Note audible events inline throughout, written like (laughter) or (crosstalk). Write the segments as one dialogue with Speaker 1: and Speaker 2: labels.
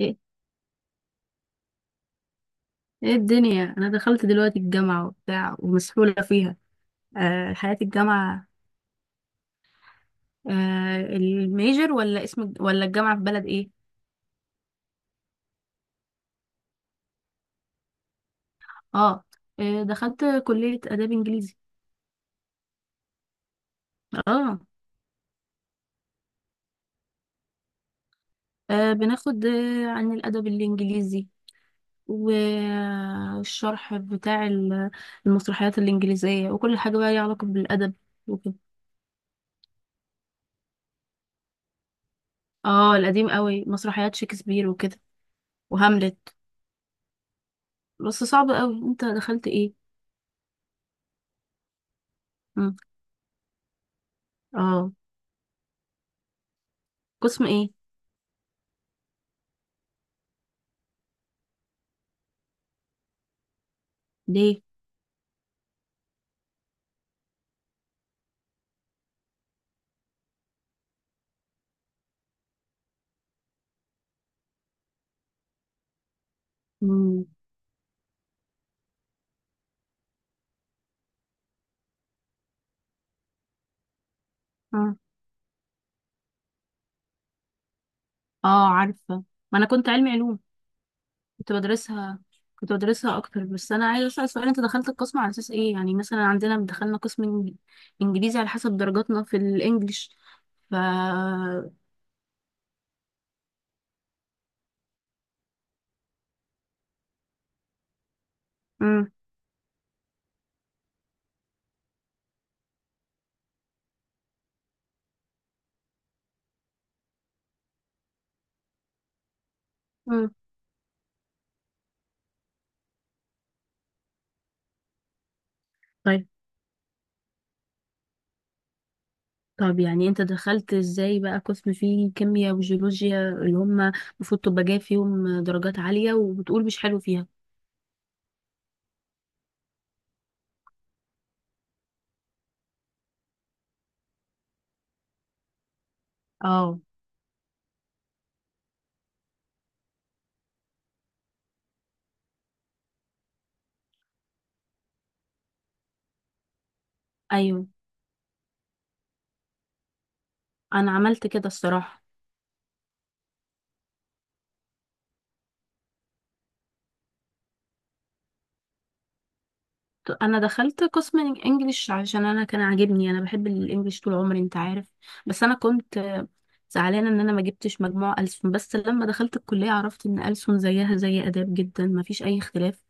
Speaker 1: ايه. ايه الدنيا، انا دخلت دلوقتي الجامعة وبتاع ومسحولة فيها. آه حياة الجامعة. آه الميجر ولا اسم ولا الجامعة في بلد ايه؟ اه. دخلت كلية اداب انجليزي. اه. آه بناخد عن الادب الانجليزي، والشرح بتاع المسرحيات الانجليزية وكل حاجة بقى ليها علاقة بالادب وكده. اه القديم قوي، مسرحيات شكسبير وكده وهاملت. بس صعب قوي، انت دخلت ايه؟ مم. اه. قسم ايه؟ ليه؟ امم. اه. اه عارفه. ما انا كنت علمي علوم، كنت بدرسها كنت بدرسها اكتر. بس انا عايزه اسال سؤال، انت دخلت القسم على اساس ايه؟ يعني مثلا عندنا دخلنا قسم إنج- انجليزي على حسب درجاتنا في الانجليش. ف امم. امم. طيب. طب يعني انت دخلت ازاي بقى قسم فيه كيمياء وجيولوجيا اللي هم المفروض تبقى جايب فيهم درجات عاليه وبتقول مش حلو فيها؟ اه ايوه. انا عملت كده الصراحه. انا دخلت قسم انجليش عشان انا كان عاجبني، انا بحب الانجليش طول عمري انت عارف. بس انا كنت زعلانه ان انا ما جبتش مجموع ألسن، بس لما دخلت الكليه عرفت ان ألسن زيها زي اداب جدا، ما فيش اي اختلاف.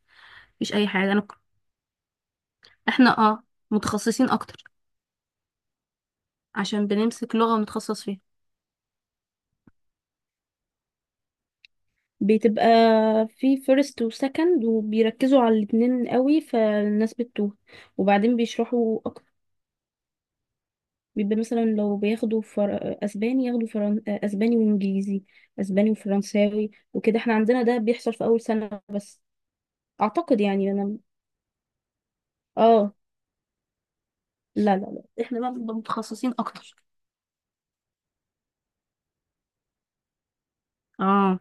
Speaker 1: مفيش اي حاجه، احنا متخصصين اكتر، عشان بنمسك لغه ونتخصص فيها. بتبقى في فيرست وسكند وبيركزوا على الاتنين قوي فالناس بتتوه، وبعدين بيشرحوا. بيبقى مثلا لو بياخدوا اسباني، اسباني وانجليزي، اسباني وفرنساوي وكده. احنا عندنا ده بيحصل في اول سنة بس. اعتقد يعني انا. اه. لا لا لا، احنا بقى بنبقى متخصصين اكتر. اه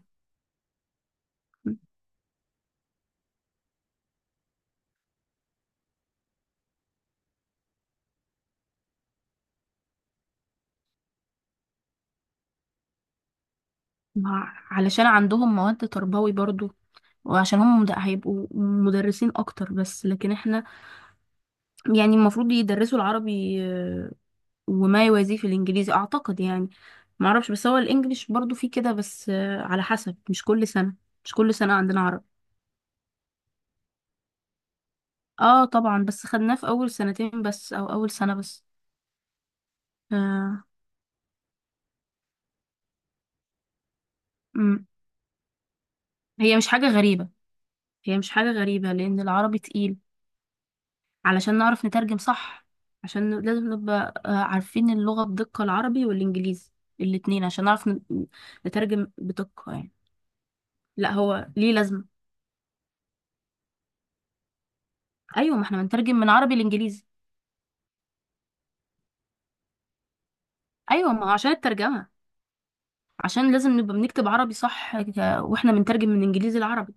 Speaker 1: علشان عندهم مواد تربوي برضو، وعشان هم هيبقوا مدرسين اكتر بس، لكن احنا يعني المفروض يدرسوا العربي وما يوازيه في الانجليزي اعتقد يعني. ما اعرفش، بس هو الانجليش برضو فيه كده بس على حسب، مش كل سنة عندنا عربي. اه طبعا، بس خدناه في اول سنتين بس او اول سنة بس. آه. أمم. هي مش حاجة غريبة هي مش حاجة غريبة لان العربي تقيل. علشان نعرف نترجم صح، لازم نبقى عارفين اللغة بدقة، العربي والانجليزي الاتنين، عشان نعرف نترجم بدقة يعني. لا هو ليه لازمة. ايوه، ما احنا بنترجم من عربي لانجليزي. ايوه، ما هو عشان الترجمة. عشان لازم نبقى بنكتب عربي صح واحنا بنترجم من انجليزي لعربي.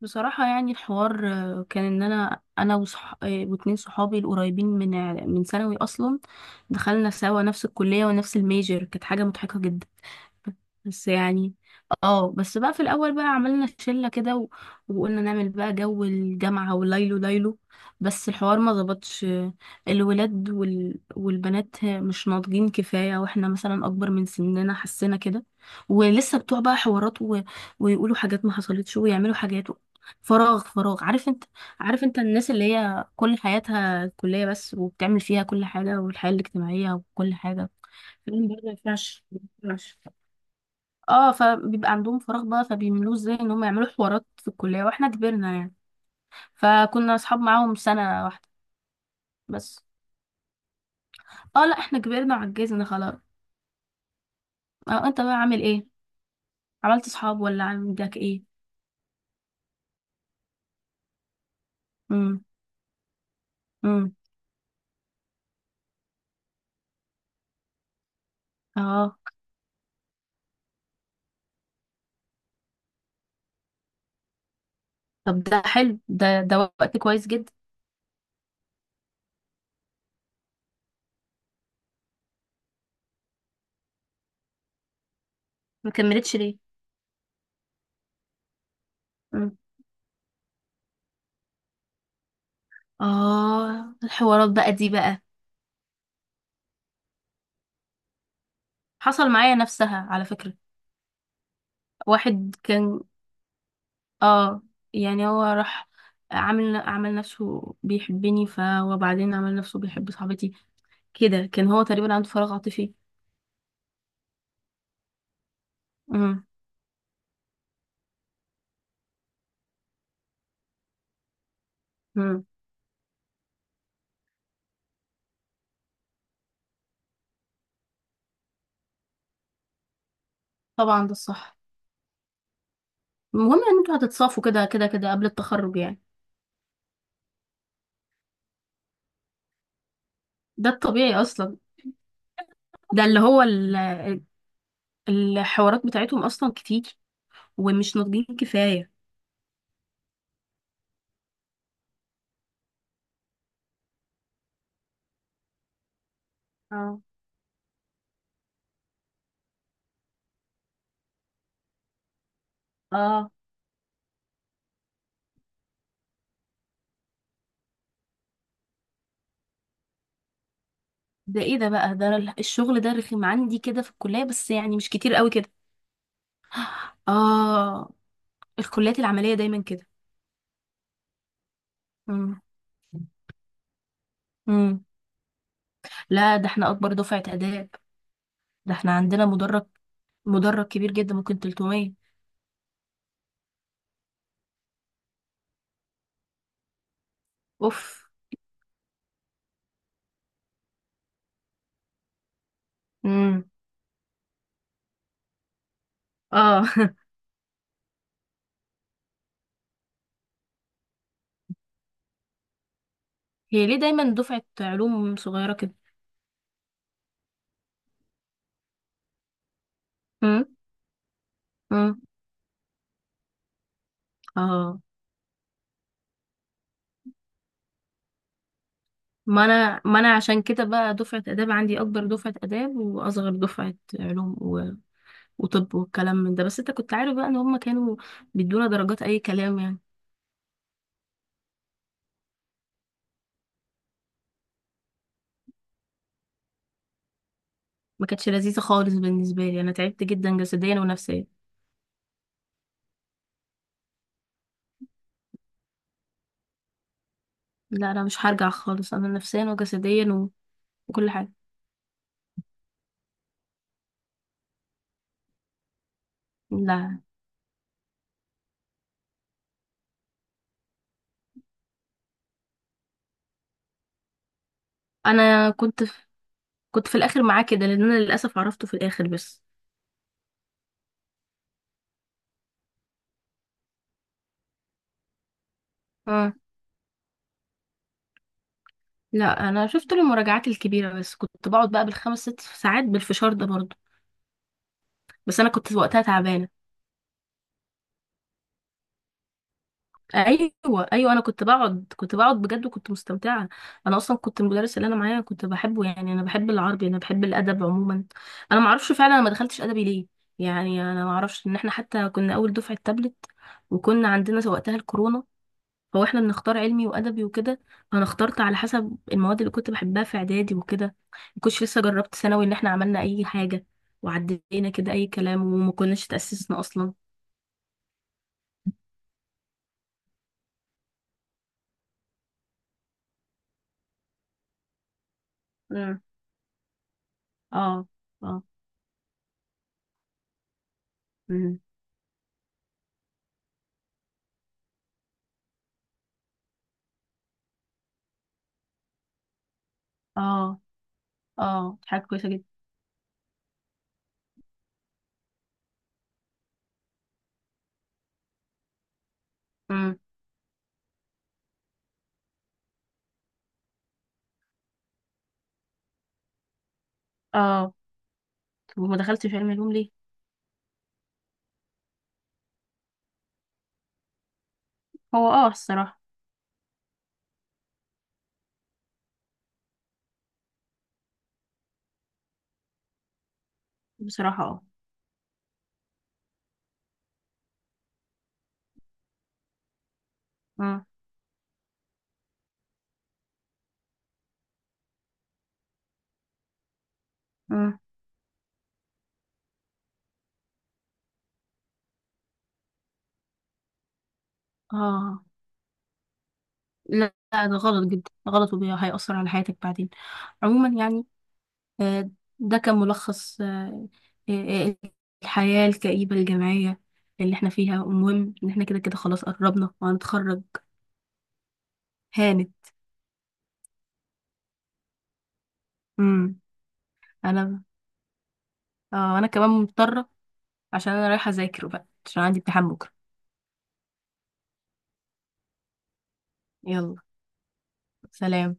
Speaker 1: بصراحة يعني الحوار كان ان انا وصح... آه، واتنين صحابي القريبين من ثانوي اصلا، دخلنا سوا نفس الكلية ونفس الميجر، كانت حاجة مضحكة جدا. بس يعني اه بس بقى في الاول بقى عملنا شله كده وقلنا نعمل بقى جو الجامعه وليلو ليلو. بس الحوار ما ظبطش. الولاد والبنات مش ناضجين كفايه، واحنا مثلا اكبر من سننا حسينا كده. ولسه بتوع بقى حوارات ويقولوا حاجات ما حصلتش، ويعملوا حاجات فراغ. فراغ عارف انت. الناس اللي هي كل حياتها كليه بس وبتعمل فيها كل حاجه، والحياه الاجتماعيه وكل حاجه، الكلام ده ما ينفعش ما ينفعش. اه، فبيبقى عندهم فراغ بقى، فبيملوه ازاي؟ ان هم يعملوا حوارات في الكلية، واحنا كبرنا يعني. فكنا اصحاب معاهم سنة واحدة بس. اه، لا احنا كبرنا وعجزنا خلاص. اه انت بقى عامل ايه؟ عملت اصحاب ولا عندك ايه؟ امم. امم. اه طب ده حلو، ده وقت كويس جدا. ما كملتش ليه؟ مم. اه الحوارات بقى دي بقى. حصل معايا نفسها على فكرة. واحد كان، اه يعني هو راح عمل نفسه بيحبني، وبعدين عمل نفسه بيحب صاحبتي. كده كان هو تقريبا عنده فراغ عاطفي. امم. امم. طبعا ده الصح. المهم ان انتوا هتتصافوا كده كده كده قبل التخرج يعني. ده الطبيعي اصلا. ده اللي هو الحوارات بتاعتهم اصلا كتير، ومش ناضجين كفاية. اه. اه ده ايه ده بقى؟ ده الشغل ده رخم عندي كده في الكلية، بس يعني مش كتير قوي كده. اه الكليات العملية دايما كده. امم. لا ده احنا اكبر دفعة اداب. ده احنا عندنا مدرج، كبير جدا، ممكن 300. اوف. امم. اه (laughs) هي ليه دايما دفعة علوم صغيرة كده؟ امم. امم. اه ما انا عشان كده بقى دفعة اداب عندي، اكبر دفعة اداب واصغر دفعة علوم وطب، والكلام من ده. بس انت كنت عارف بقى ان هم كانوا بيدونا درجات اي كلام يعني. ما كانتش لذيذة خالص بالنسبة لي، انا تعبت جدا جسديا ونفسيا. لا انا مش هرجع خالص، انا نفسيا وجسديا وكل حاجة. لا انا كنت في الاخر معاه كده، لان انا للاسف عرفته في الاخر بس. اه لا، انا شفت له المراجعات الكبيره، بس كنت بقعد بقى بالخمس ست ساعات بالفشار ده برضه. بس انا كنت وقتها تعبانه. ايوه. ايوه، انا كنت بقعد بجد وكنت مستمتعه. انا اصلا كنت المدرس اللي انا معايا كنت بحبه، يعني انا بحب العربي، انا بحب الادب عموما. انا ما اعرفش فعلا انا ما دخلتش ادبي ليه. يعني انا ما اعرفش، ان احنا حتى كنا اول دفعه تابلت وكنا عندنا وقتها الكورونا. هو احنا بنختار علمي وادبي وكده، انا اخترت على حسب المواد اللي كنت بحبها في اعدادي وكده، ما كنتش لسه جربت ثانوي ان احنا عملنا اي حاجه. وعدينا كده اي كلام وما كناش تاسسنا اصلا. امم. اه. اه. امم. اه. اه. دي حاجه كويسه جدا. امم. اه طب وما دخلتش علم علوم ليه؟ هو الصراحه. بصراحه اه. امم. امم. اه. لا لا، ده غلط جدا غلط، وهيأثر على حياتك بعدين عموما يعني. آه، ده كان ملخص آه، آه، الحياة الكئيبة الجامعية اللي احنا فيها. المهم ان احنا كده كده خلاص قربنا وهنتخرج. هانت. امم. انا انا كمان مضطرة، عشان انا رايحة اذاكر بقى عشان عندي امتحان بكرة. يلا. سلام.